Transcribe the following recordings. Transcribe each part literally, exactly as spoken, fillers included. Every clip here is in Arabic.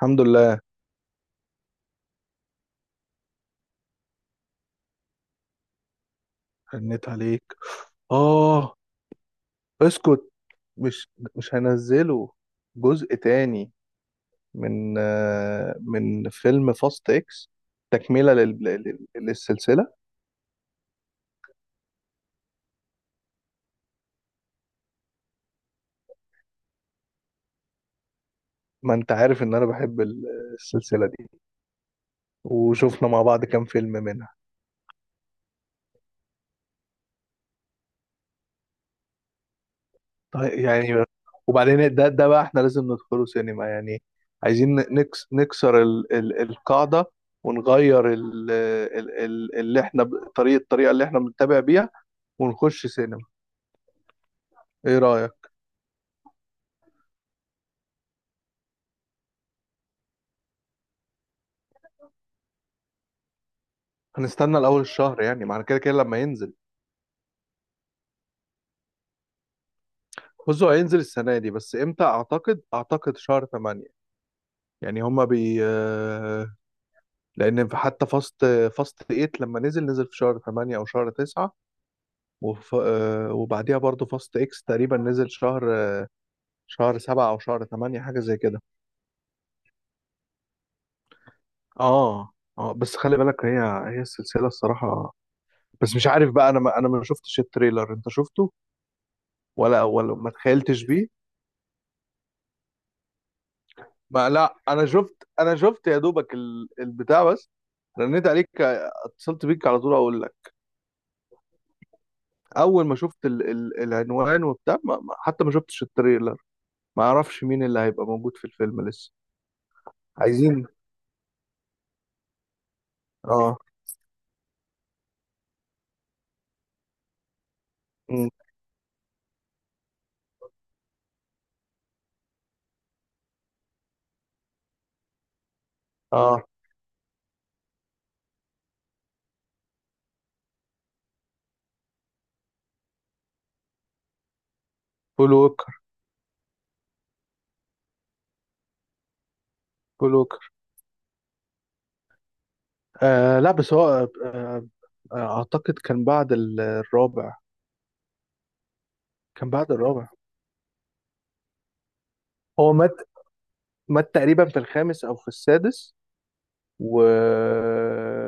الحمد لله. هنيت عليك. اه، اسكت. مش مش هنزله جزء تاني من آه، من فيلم فاست اكس. تكملة لل... لل- للسلسلة. ما انت عارف ان انا بحب ال- السلسلة دي، وشفنا مع بعض كام فيلم منها. طيب، يعني وبعدين ده ده بقى، احنا لازم ندخله سينما يعني؟ عايزين نكس نكسر ال... ال... القاعدة، ونغير ال... ال... ال- اللي احنا ب- طريقة الطريقة اللي احنا بنتابع بيها، ونخش سينما. ايه رأيك؟ هنستنى الاول الشهر يعني، معنى كده كده لما ينزل. بصوا، هينزل السنة دي، بس امتى اعتقد اعتقد شهر ثمانية. يعني هما بي آه، لان في- حتى فاست، فاست ثمانية لما نزل نزل في شهر ثمانية او شهر تسعة. وف... آه، وبعديها برضو فاست اكس تقريبا نزل شهر شهر سبعة او شهر تمانية، حاجة زي كده. اه. اه، بس خلي بالك، هي هي السلسلة الصراحة. بس مش عارف بقى، انا ما انا ما شفتش التريلر، انت شفته؟ ولا ولا ما تخيلتش. ما لا، انا شفت انا شفت يا دوبك ال- البتاع بس. رنيت عليك، اتصلت بيك على طول اقول لك. اول ما شفت ال ال العنوان وبتاع، ما ما- حتى ما شفتش التريلر، ما اعرفش مين اللي هيبقى موجود في الفيلم لسه. عايزين. اه. مم. اه، بول ووكر. بول ووكر. آه لا، بس هو، آه آه اعتقد كان بعد ال- الرابع. كان بعد الرابع. هو مات مات تقريبا في الخامس او في السادس. و...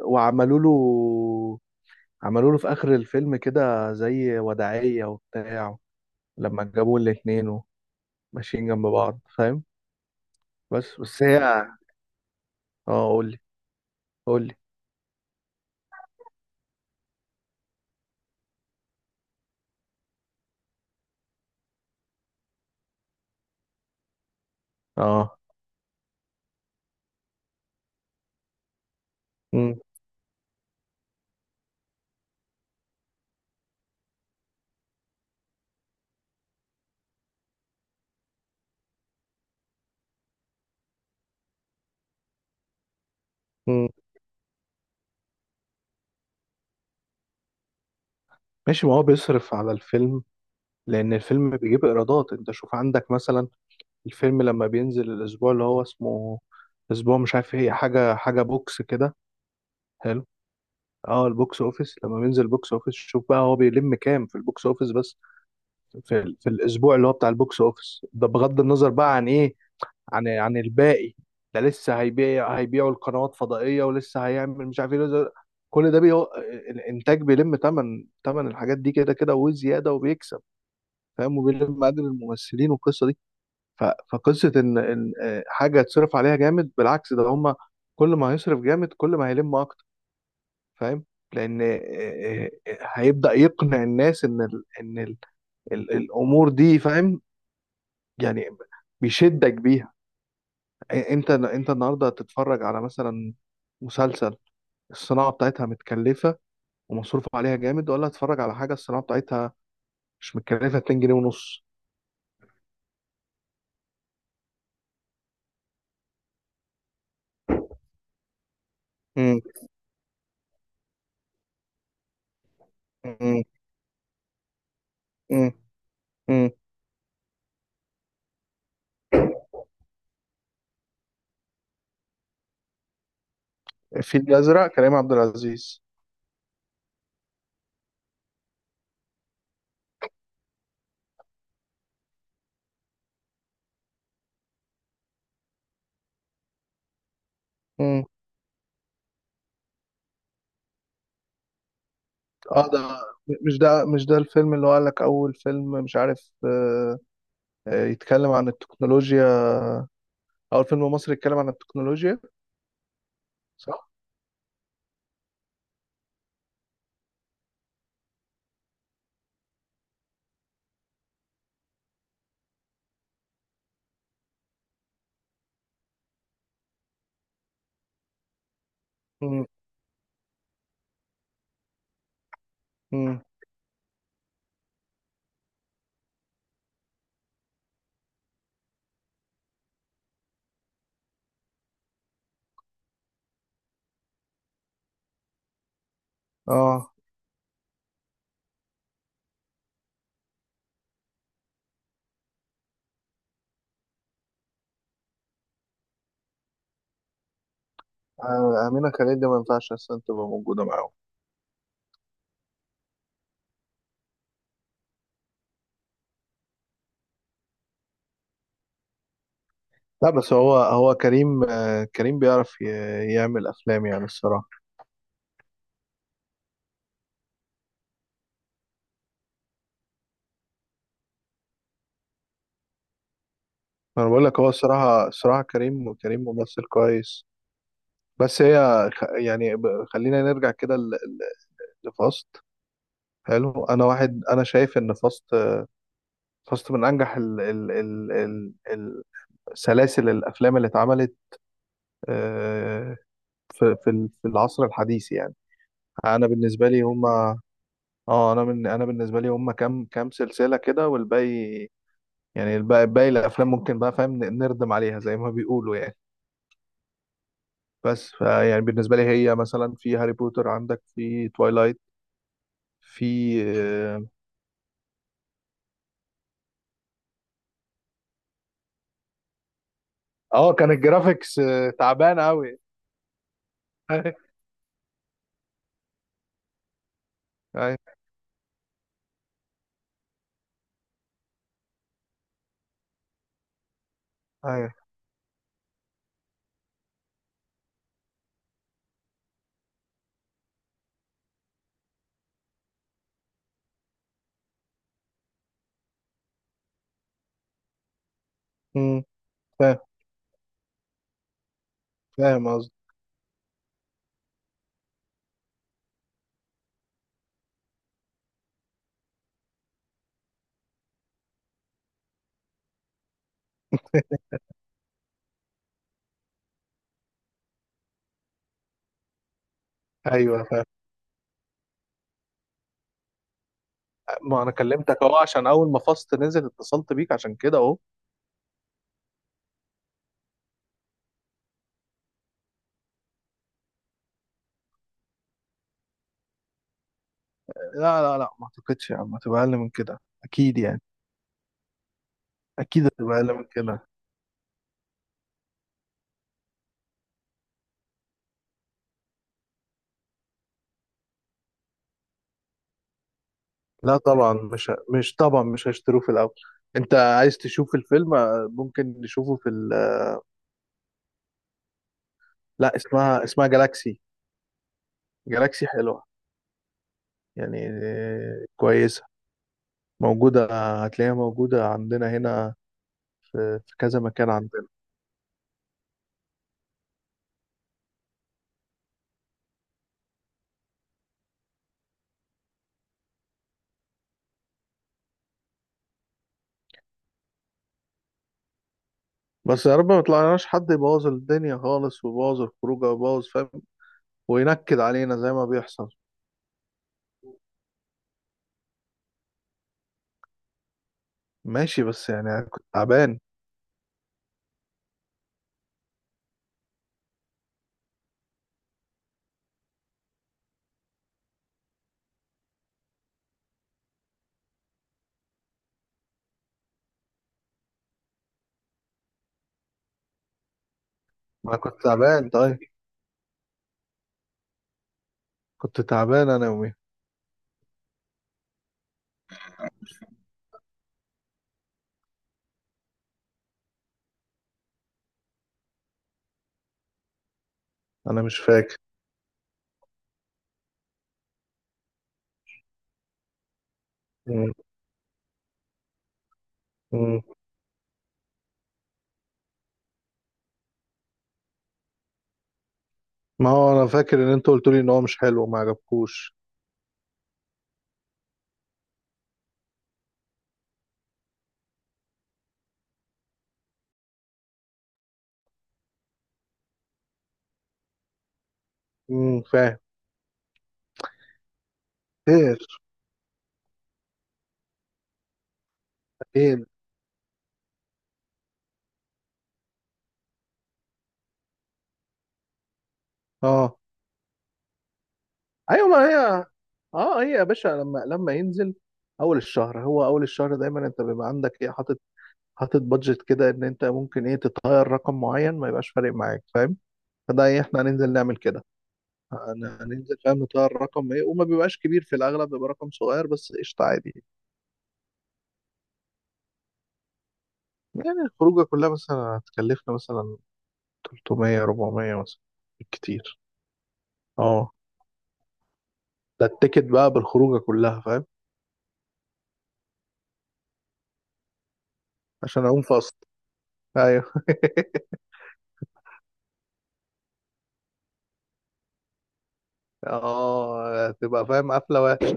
وعملوا له عملوا له في اخر الفيلم كده زي وداعية وبتاع، لما جابوا الاتنين وماشيين جنب بعض، فاهم؟ بس بس هي. اه، قولي. قولي. اه. مم. مم. ماشي، ما هو بيصرف على الفيلم. لان الفيلم بيجيب ايرادات. انت شوف عندك مثلا، الفيلم لما بينزل الاسبوع اللي هو اسمه، اسبوع مش عارف ايه، حاجة حاجة بوكس كده. حلو. اه، البوكس اوفيس. لما بينزل بوكس اوفيس، شوف بقى هو بيلم كام في البوكس اوفيس بس، في, ال- في الاسبوع اللي هو بتاع البوكس اوفيس ده، بغض النظر بقى عن ايه، عن عن الباقي. ده لسه هيبيع هيبيعوا القنوات فضائية، ولسه هيعمل مش عارف ايه، لسه. كل ده بيو... الانتاج بيلم تمن، تمن الحاجات دي كده كده وزيادة، وبيكسب، فاهم؟ وبيلم اجر الممثلين والقصة دي. ف... فقصة ان ان آه، حاجة تصرف عليها جامد، بالعكس، ده هما كل ما هيصرف جامد كل ما هيلم اكتر، فاهم؟ لان آه، آه، آه، هيبدأ يقنع الناس ان ال... ان ال... ال... الامور دي، فاهم؟ يعني بيشدك بيها. انت انت النهارده هتتفرج على مثلا مسلسل، الصناعه بتاعتها متكلفه ومصروف عليها جامد، ولا هتتفرج على حاجه الصناعه بتاعتها مش متكلفه اتنين جنيه ونص؟ مم. مم. مم. مم. الفيل الازرق، كريم عبد العزيز. مم. اه، ده. مش ده مش ده الفيلم اللي هو قال لك اول فيلم مش عارف، آه، آه، يتكلم عن التكنولوجيا؟ اول فيلم مصري يتكلم عن التكنولوجيا. صح. مم. مم. اه. آه، امينه خليل دي ما ينفعش اصلا تبقى موجوده معاهم. لا بس هو، هو كريم، آه، كريم بيعرف ي- يعمل افلام يعني الصراحه. انا بقول لك، هو الصراحه، الصراحه كريم، كريم ممثل كويس. بس هي، خ- يعني ب- خلينا نرجع كده ل- ل- لفاست. حلو. انا واحد، انا شايف ان فاست، فاست من انجح ال ال ال ال ال- سلاسل الافلام اللي اتعملت، آه، في في ال- في العصر الحديث يعني. انا بالنسبه لي هما. اه، انا من انا بالنسبه لي هما كام كام سلسله كده، والباقي يعني، الباقي باقي الافلام ممكن بقى، فاهم، نردم عليها زي ما بيقولوا يعني. بس فيعني بالنسبه لي، هي مثلا في هاري بوتر، عندك في توايلايت، في. اه، آه، كان الجرافيكس، آه، تعبان قوي. ايوه. ايوه. أيوة. أمم، فاهم. فاهم قصدي. ايوه، فاهم. ما انا كلمتك اهو، عشان اول ما فاست نزل اتصلت بيك عشان كده اهو. لا، لا، لا، ما اعتقدش يا عم، هتبقى اقل من كده اكيد يعني. اكيد هتبقى اقل من كده. لا طبعا، مش مش طبعا مش هشتروه في الاول. انت عايز تشوف الفيلم، آه، ممكن نشوفه في ال... لا، اسمها اسمها جالاكسي. جالاكسي حلوة، يعني آه، كويسة، موجودة. هتلاقيها موجودة عندنا هنا، في في كذا مكان عندنا. بس يا رب ما يطلعناش حد يبوظ الدنيا خالص، ويبوظ الخروجه، ويبوظ، فاهم، وينكد علينا زي ما بيحصل. ماشي، بس يعني انا كنت تعبان. ما انا كنت تعبان طيب. كنت تعبان انا يومي. انا مش فاكر. ما هو انا فاكر ان انت قلت لي ان هو مش حلو وما عجبكوش. امم، فاهم. خير. اكيد. اه. ايوه، ما هي. اه، هي يا باشا، لما، لما ينزل اول الشهر. هو اول الشهر دايما انت بيبقى عندك ايه حاطط، حاطط بادجت كده، ان انت ممكن ايه تتغير رقم معين، ما يبقاش فارق معاك، فاهم؟ فده ايه، احنا هننزل نعمل كده. هن- هننزل، فاهم، نطير رقم، ايه، وما بيبقاش كبير في الاغلب، بيبقى رقم صغير بس، قشطه عادي. يعني الخروجه كلها مثلا هتكلفنا مثلا تلتمية، أربعمائة مثلا بالكتير. اه، ده التيكت بقى بالخروجه كلها، فاهم؟ عشان اقوم فاصل. ايوه. اه، تبقى فاهم قفله وحش.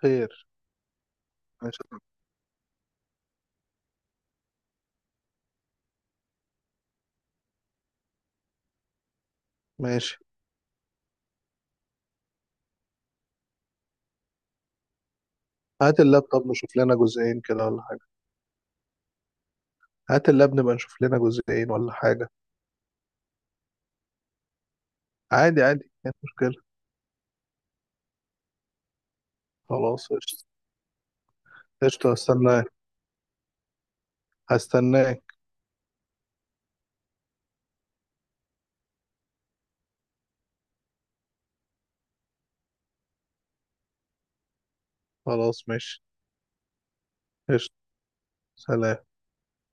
خير. ماشي. ماشي، هات اللاب. طب نشوف لنا جزئين كده ولا حاجه؟ هات اللاب نبقى نشوف لنا جزئين ولا حاجه. عادي، عادي مفيش مشكله. خلاص، قشطه. قشطه هستناك. هستناك. خلاص ماشي. قشطه. سلام.